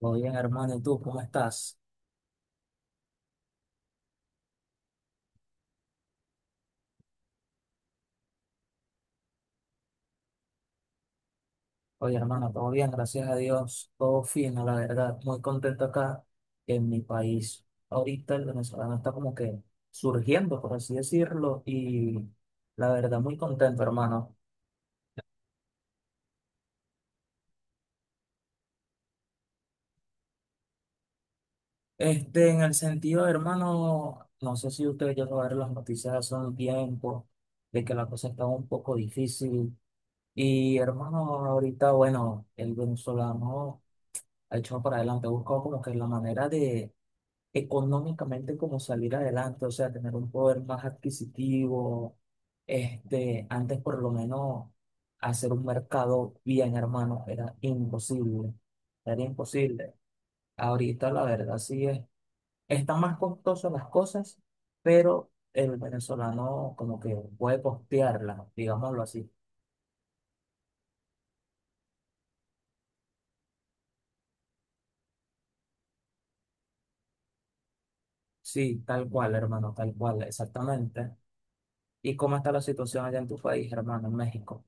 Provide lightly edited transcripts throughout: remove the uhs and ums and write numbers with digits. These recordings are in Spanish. Muy bien, hermano. ¿Y tú cómo estás? Oye, hermano, todo bien, gracias a Dios. Todo fino, la verdad. Muy contento acá en mi país. Ahorita el venezolano está como que surgiendo, por así decirlo, y la verdad, muy contento, hermano. En el sentido, hermano, no sé si ustedes ya ver las noticias hace un tiempo de que la cosa está un poco difícil. Y, hermano, ahorita, bueno, el venezolano ha hecho para adelante, ha buscado como que la manera de económicamente como salir adelante, o sea, tener un poder más adquisitivo, antes por lo menos hacer un mercado bien, hermano, era imposible, era imposible. Ahorita la verdad sí es, están más costosas las cosas, pero el venezolano como que puede costearlas, digámoslo así. Sí, tal cual, hermano, tal cual, exactamente. ¿Y cómo está la situación allá en tu país, hermano, en México?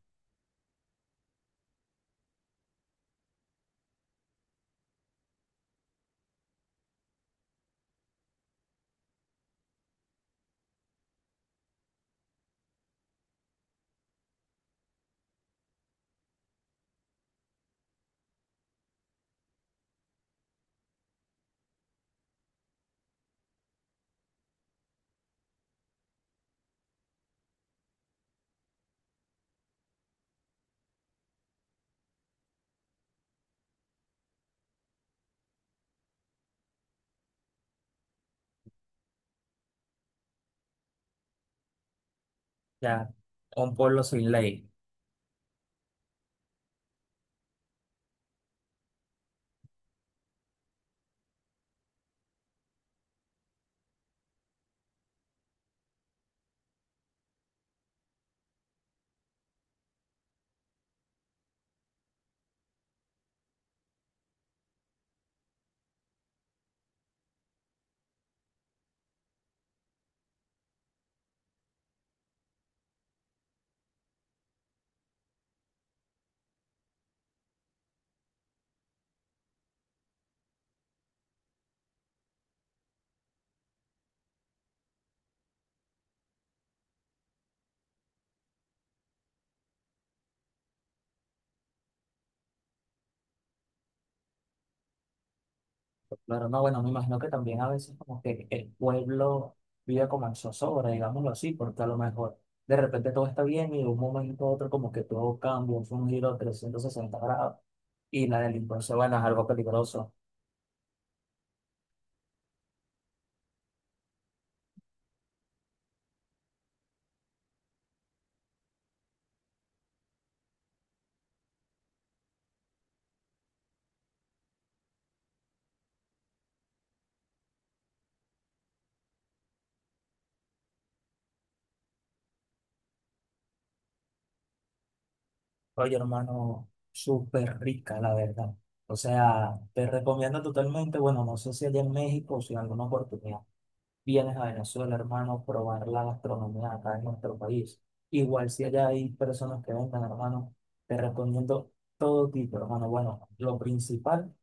Ya, un pueblo sin ley. Claro, no, bueno, me imagino que también a veces como que el pueblo vive como en zozobra, digámoslo así, porque a lo mejor de repente todo está bien y de un momento a otro como que todo cambia, es un giro de 360 grados y la delincuencia, bueno, es algo peligroso. Oye, hermano, súper rica, la verdad. O sea, te recomiendo totalmente, bueno, no sé si allá en México o si en alguna oportunidad vienes a Venezuela, hermano, probar la gastronomía acá en nuestro país. Igual si allá hay personas que vengan, hermano, te recomiendo todo tipo, hermano. Bueno, lo principal,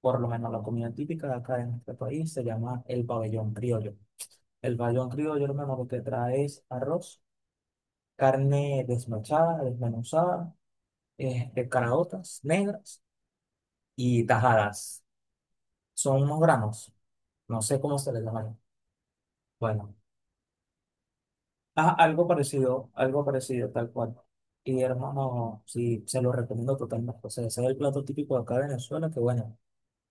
por lo menos la comida típica de acá en nuestro país, se llama el pabellón criollo. El pabellón criollo, hermano, lo que trae es arroz, carne desmechada, desmenuzada, caraotas negras y tajadas. Son unos granos, no sé cómo se les llama. Bueno. Ah, algo parecido, tal cual. Y hermano, sí, se lo recomiendo totalmente. O sea, ese es el plato típico de acá de Venezuela, que bueno,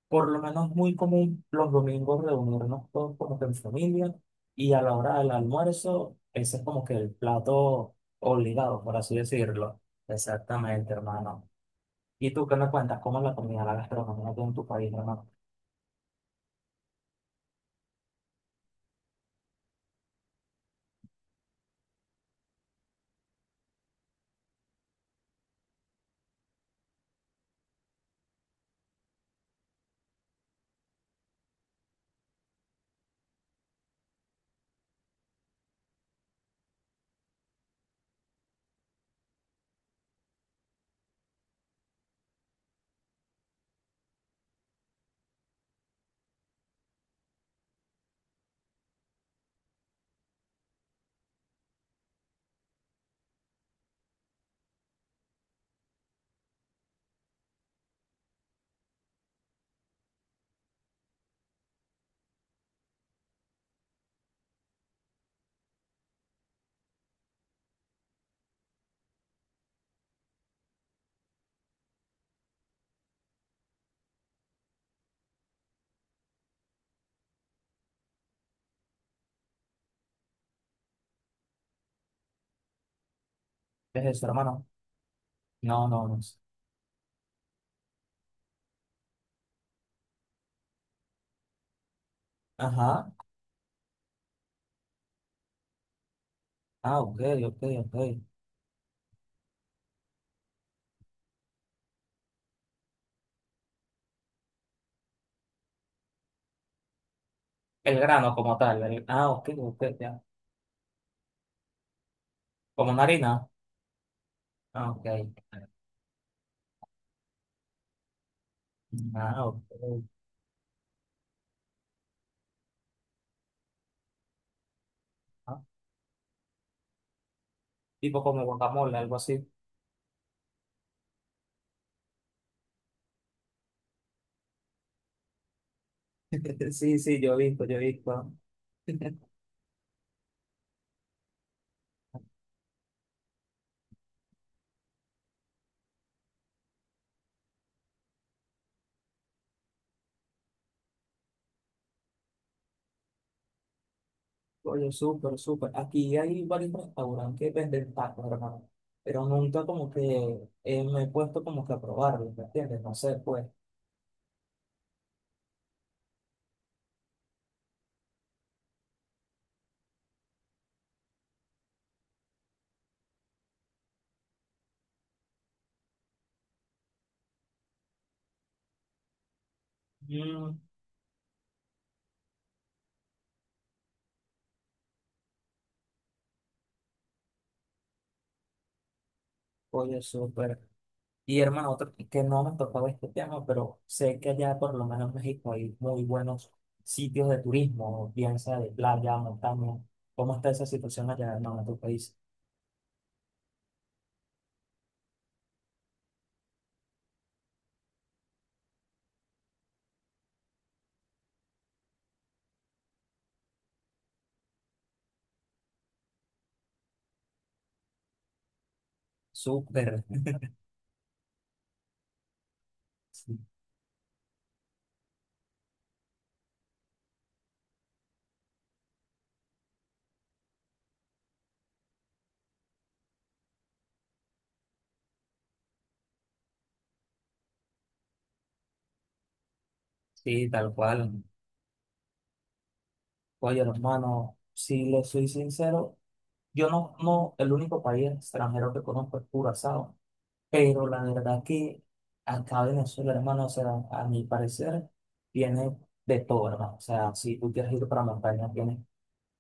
por lo menos es muy común los domingos reunirnos todos como que en familia y a la hora del almuerzo, ese es como que el plato obligado, por así decirlo. Exactamente, hermano. ¿Y tú qué me cuentas? ¿Cómo es la comida, la gastronomía aquí en tu país, hermano? ¿Qué es eso, hermano? No, no, no. Ajá. Ah, ok, ok, ok. El grano como tal. Ah, ok, ok. Como una harina. Ah, ok. Ah, ok. Ah, tipo como guacamole, algo así. Sí, sí, yo he visto, yo he visto. Oye, súper, súper. Aquí hay varios restaurantes que venden tacos, hermano. Pero nunca como que me he puesto como que a probarlo, ¿me entiendes? No sé, pues. Mm, oye, súper. Y hermano, otro que no me tocaba este tema, pero sé que allá por lo menos en México hay muy buenos sitios de turismo, bien sea de playa, montaña. ¿Cómo está esa situación allá, hermano, en tu país? Súper, sí, sí, tal cual. Oye, hermano, si le soy sincero, yo no, no, el único país extranjero que conozco es Curazao, pero la verdad que acá Venezuela, hermano, o sea, a mi parecer, tiene de todo, hermano. O sea, si tú quieres ir para montañas, tienes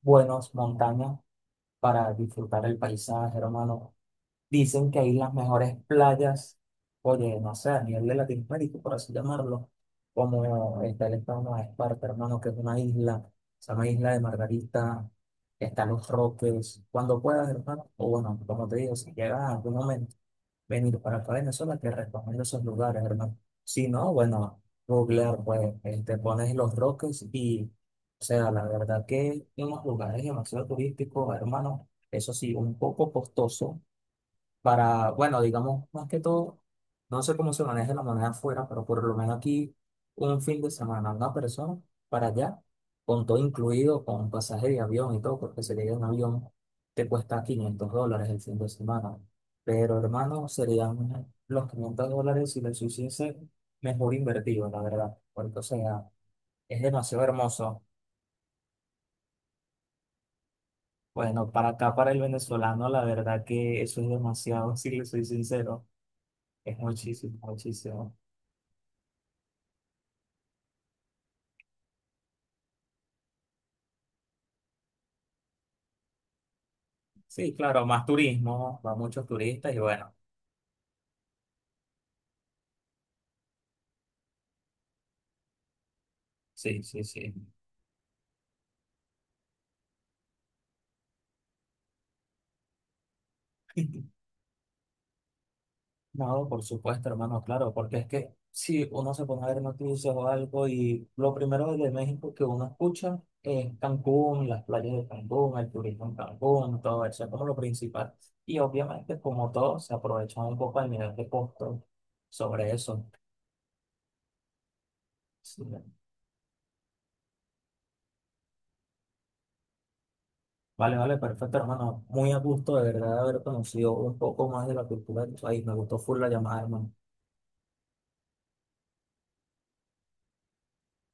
buenas montañas para disfrutar el paisaje, hermano, dicen que hay las mejores playas, oye, no sé, a nivel de Latinoamérica, por así llamarlo, como está el estado de Esparta, hermano, que es una isla, se llama Isla de Margarita, están Los Roques, cuando puedas, hermano, o bueno, como te digo, si llegas a algún momento, venir para acá a Venezuela, te recomiendo esos lugares, hermano. Si no, bueno, googlear, pues, te pones Los Roques y, o sea, la verdad que unos lugares demasiado turísticos, hermano, eso sí, un poco costoso para, bueno, digamos, más que todo, no sé cómo se maneja la moneda afuera, pero por lo menos aquí un fin de semana, una persona para allá, con todo incluido, con pasaje de avión y todo, porque si llega en avión te cuesta 500 dólares el fin de semana. Pero hermano, serían los 500 dólares si los hiciese mejor invertido, la verdad, porque o sea, es demasiado hermoso. Bueno, para acá, para el venezolano, la verdad que eso es demasiado, si les soy sincero, es muchísimo, muchísimo. Sí, claro, más turismo, va muchos turistas y bueno, sí, sí, sí. No, por supuesto, hermano, claro, porque es que si uno se pone a ver noticias o algo y lo primero de México que uno escucha es Cancún, las playas de Cancún, el turismo en Cancún, todo eso es como lo principal. Y obviamente, como todo, se aprovechan un poco el nivel de costo sobre eso. Sí. Vale, vale, perfecto, hermano. Muy a gusto, de verdad, de haber conocido un poco más de la cultura de tu país. Me gustó full la llamada, hermano.